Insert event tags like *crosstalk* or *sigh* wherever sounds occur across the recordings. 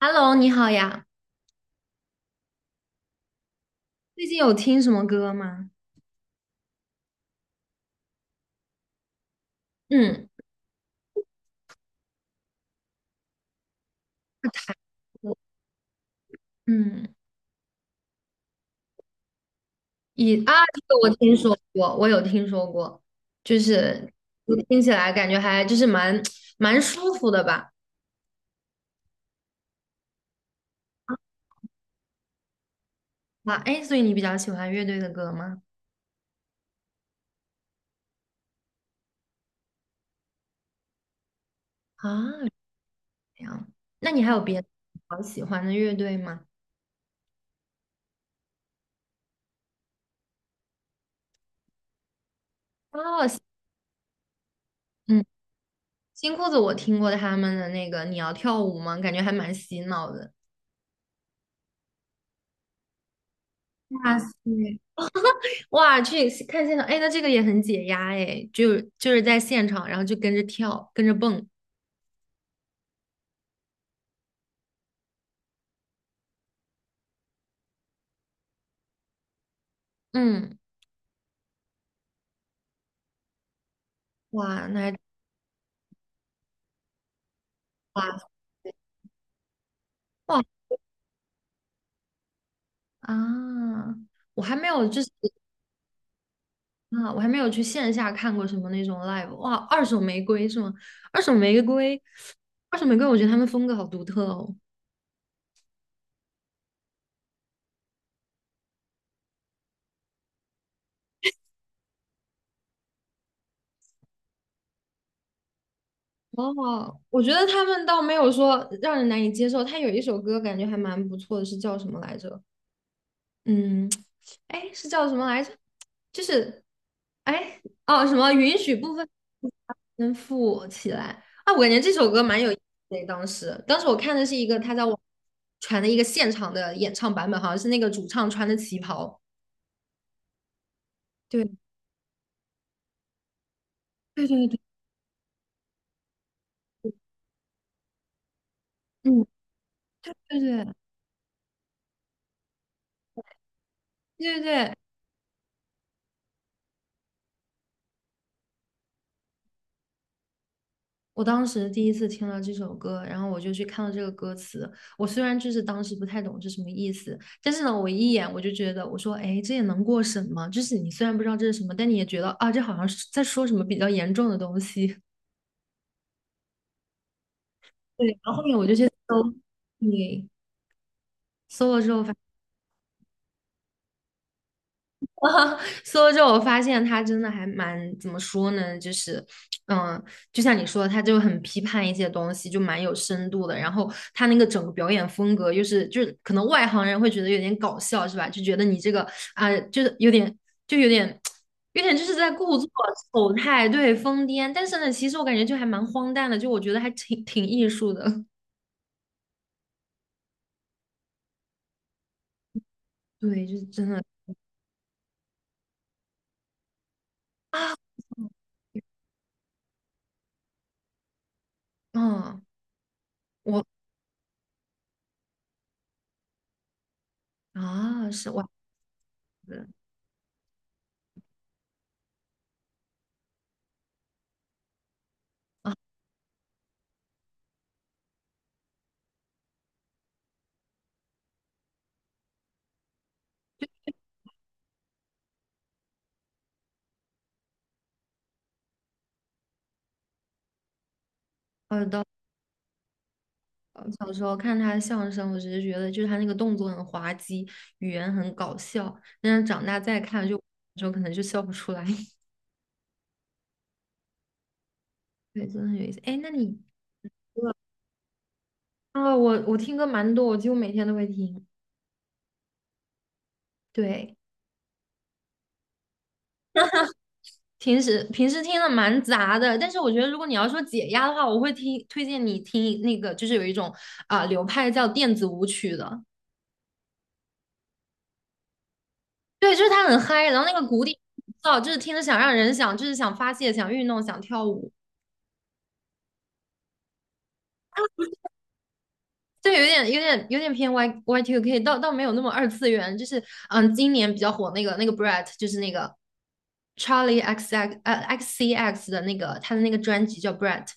Hello，你好呀，最近有听什么歌吗？嗯，是台歌。嗯，以啊，这个我听说过，我有听说过，就是我听起来感觉还就是蛮舒服的吧。啊，哎，所以你比较喜欢乐队的歌吗？啊，这样，那你还有别的好喜欢的乐队吗？哦，嗯，新裤子我听过他们的那个《你要跳舞吗》，感觉还蛮洗脑的。哇塞！哇，去看现场，哎，那这个也很解压，哎，就是在现场，然后就跟着跳，跟着蹦。嗯，哇，那还哇哇啊，我还没有就是啊，我还没有去线下看过什么那种 live。哇，二手玫瑰是吗？二手玫瑰，二手玫瑰，我觉得他们风格好独特哦。哦，我觉得他们倒没有说让人难以接受，他有一首歌感觉还蛮不错的，是叫什么来着？嗯，*tsk* 哎，是叫什么来着？就是，哎，哦，什么允许部分先富起来啊？我感觉这首歌蛮有意思的。当时我看的是一个他在网传的一个现场的演唱版本，好像是那个主唱穿的旗袍。对，对对对，嗯，对对对对对。我当时第一次听了这首歌，然后我就去看了这个歌词。我虽然就是当时不太懂是什么意思，但是呢，我一眼我就觉得，我说，哎，这也能过审吗？就是你虽然不知道这是什么，但你也觉得啊，这好像是在说什么比较严重的东西。*laughs* 对，然后后面我就去搜，对，搜了之后。发 *laughs* 搜了之后，我发现他真的还蛮怎么说呢？就是，嗯，就像你说的，他就很批判一些东西，就蛮有深度的。然后他那个整个表演风格，又是就是可能外行人会觉得有点搞笑，是吧？就觉得你这个啊、就是就有点有点就是在故作丑态，对，疯癫。但是呢，其实我感觉就还蛮荒诞的，就我觉得还挺艺术的。*laughs* 对，就是真的啊，嗯，我啊，是我。好的。我小时候看他的相声，我只是觉得就是他那个动作很滑稽，语言很搞笑。但是长大再看就，有时候可能就笑不出来。*laughs* 对，真的很有意思。哎，那你啊，我听歌蛮多，我几乎每天都会听。对，平时听的蛮杂的，但是我觉得如果你要说解压的话，我会听推荐你听那个，就是有一种啊、流派叫电子舞曲的。对，就是它很嗨，然后那个鼓点，哦，就是听着想让人想，就是想发泄、想运动、想跳舞。对，有点偏 Y Two K，倒没有那么二次元，就是嗯，今年比较火那个 Brett，就是那个 Charlie X C X 的那个他的那个专辑叫 Brett，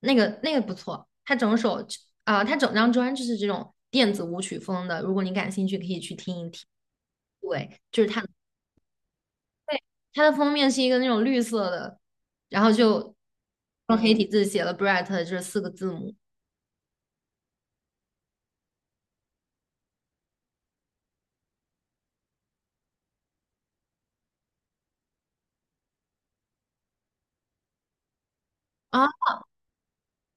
那个不错，他整张专就是这种电子舞曲风的，如果你感兴趣可以去听一听。对，就是他的封面是一个那种绿色的，然后就用黑体字写了 Brett 这四个字母。啊、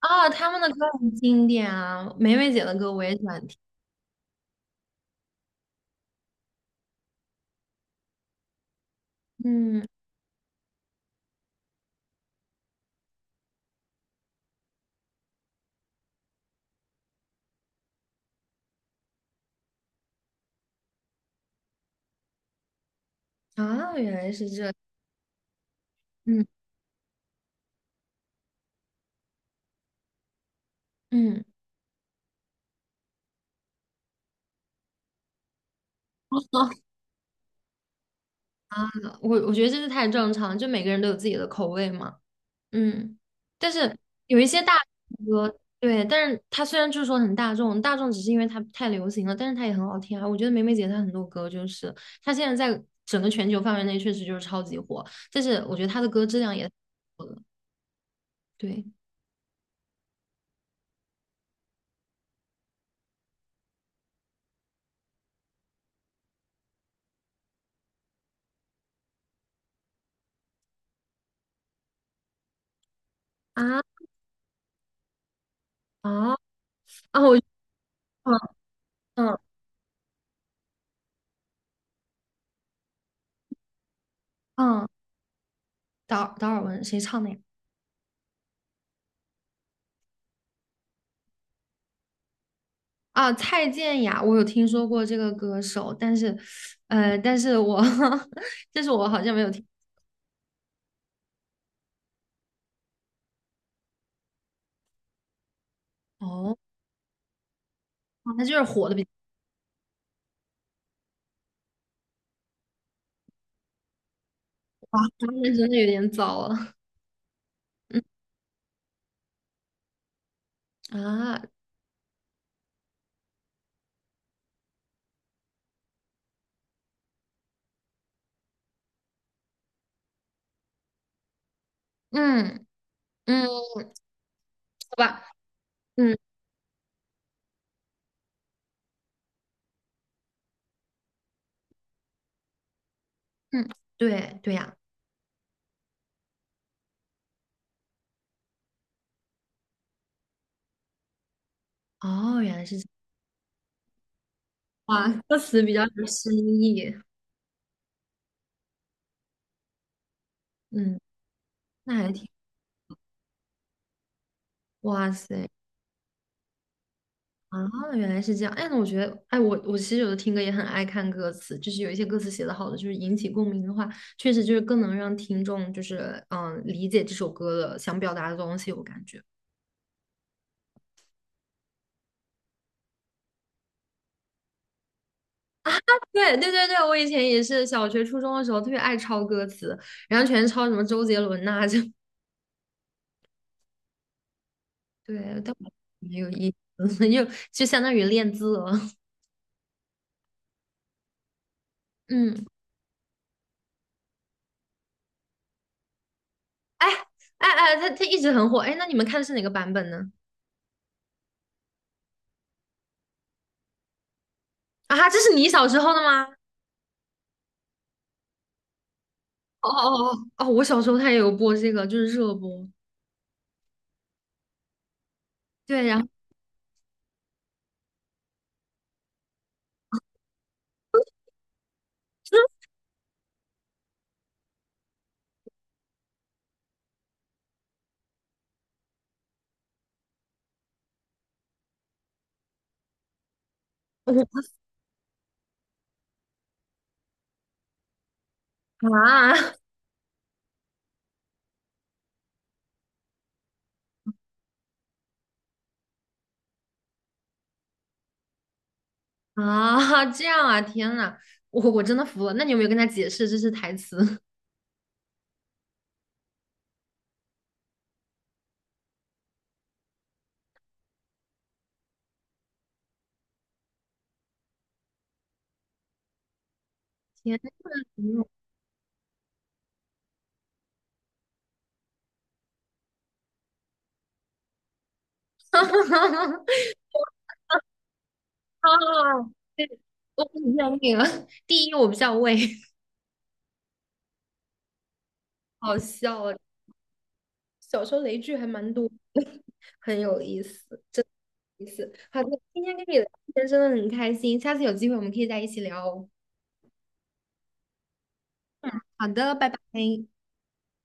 啊，他们的歌很经典啊，梅梅姐的歌我也喜欢听。嗯，啊，原来是这样。嗯嗯，*laughs* 我觉得这是太正常了就每个人都有自己的口味嘛。嗯，但是有一些大众歌，对，但是它虽然就是说很大众，大众只是因为它太流行了，但是它也很好听啊。我觉得梅梅姐她很多歌就是，她现在在整个全球范围内确实就是超级火，但是我觉得她的歌质量也对啊啊啊，我嗯嗯嗯。达尔文谁唱的呀？啊，蔡健雅，我有听说过这个歌手，但是，但是我，*laughs* 但是我好像没有听。哦，啊他就是火的比较快，那真的有点早了。*laughs* 嗯啊，嗯嗯，好吧，嗯嗯，对对呀、哦，原来是这样，哇，歌词比较有深意，嗯，那还挺，哇塞，啊，原来是这样。哎，那我觉得，哎，我其实有的听歌也很爱看歌词，就是有一些歌词写的好的，就是引起共鸣的话，确实就是更能让听众就是理解这首歌的想表达的东西，我感觉。*laughs* 对对对对，我以前也是小学初中的时候特别爱抄歌词，然后全是抄什么周杰伦呐、就 *laughs* 对，但我没有意思，*laughs* 就相当于练字了。*laughs* 嗯，哎哎哎，他一直很火。哎，那你们看的是哪个版本呢？啊，这是你小时候的吗？哦哦哦哦！我小时候他也有播这个，就是热播。对，然后 *laughs* 我就啊 *laughs* 啊，这样啊！天呐，我真的服了。那你有没有跟他解释这是台词？*laughs* 天呐，*laughs* 哈！对，我不认那了。第一，我比较畏，*laughs* 好笑啊！小时候雷剧还蛮多的，*laughs* 很有意思。意思好的，今天跟你聊天真的很开心，下次有机会我们可以再一起聊哦。好的，拜拜。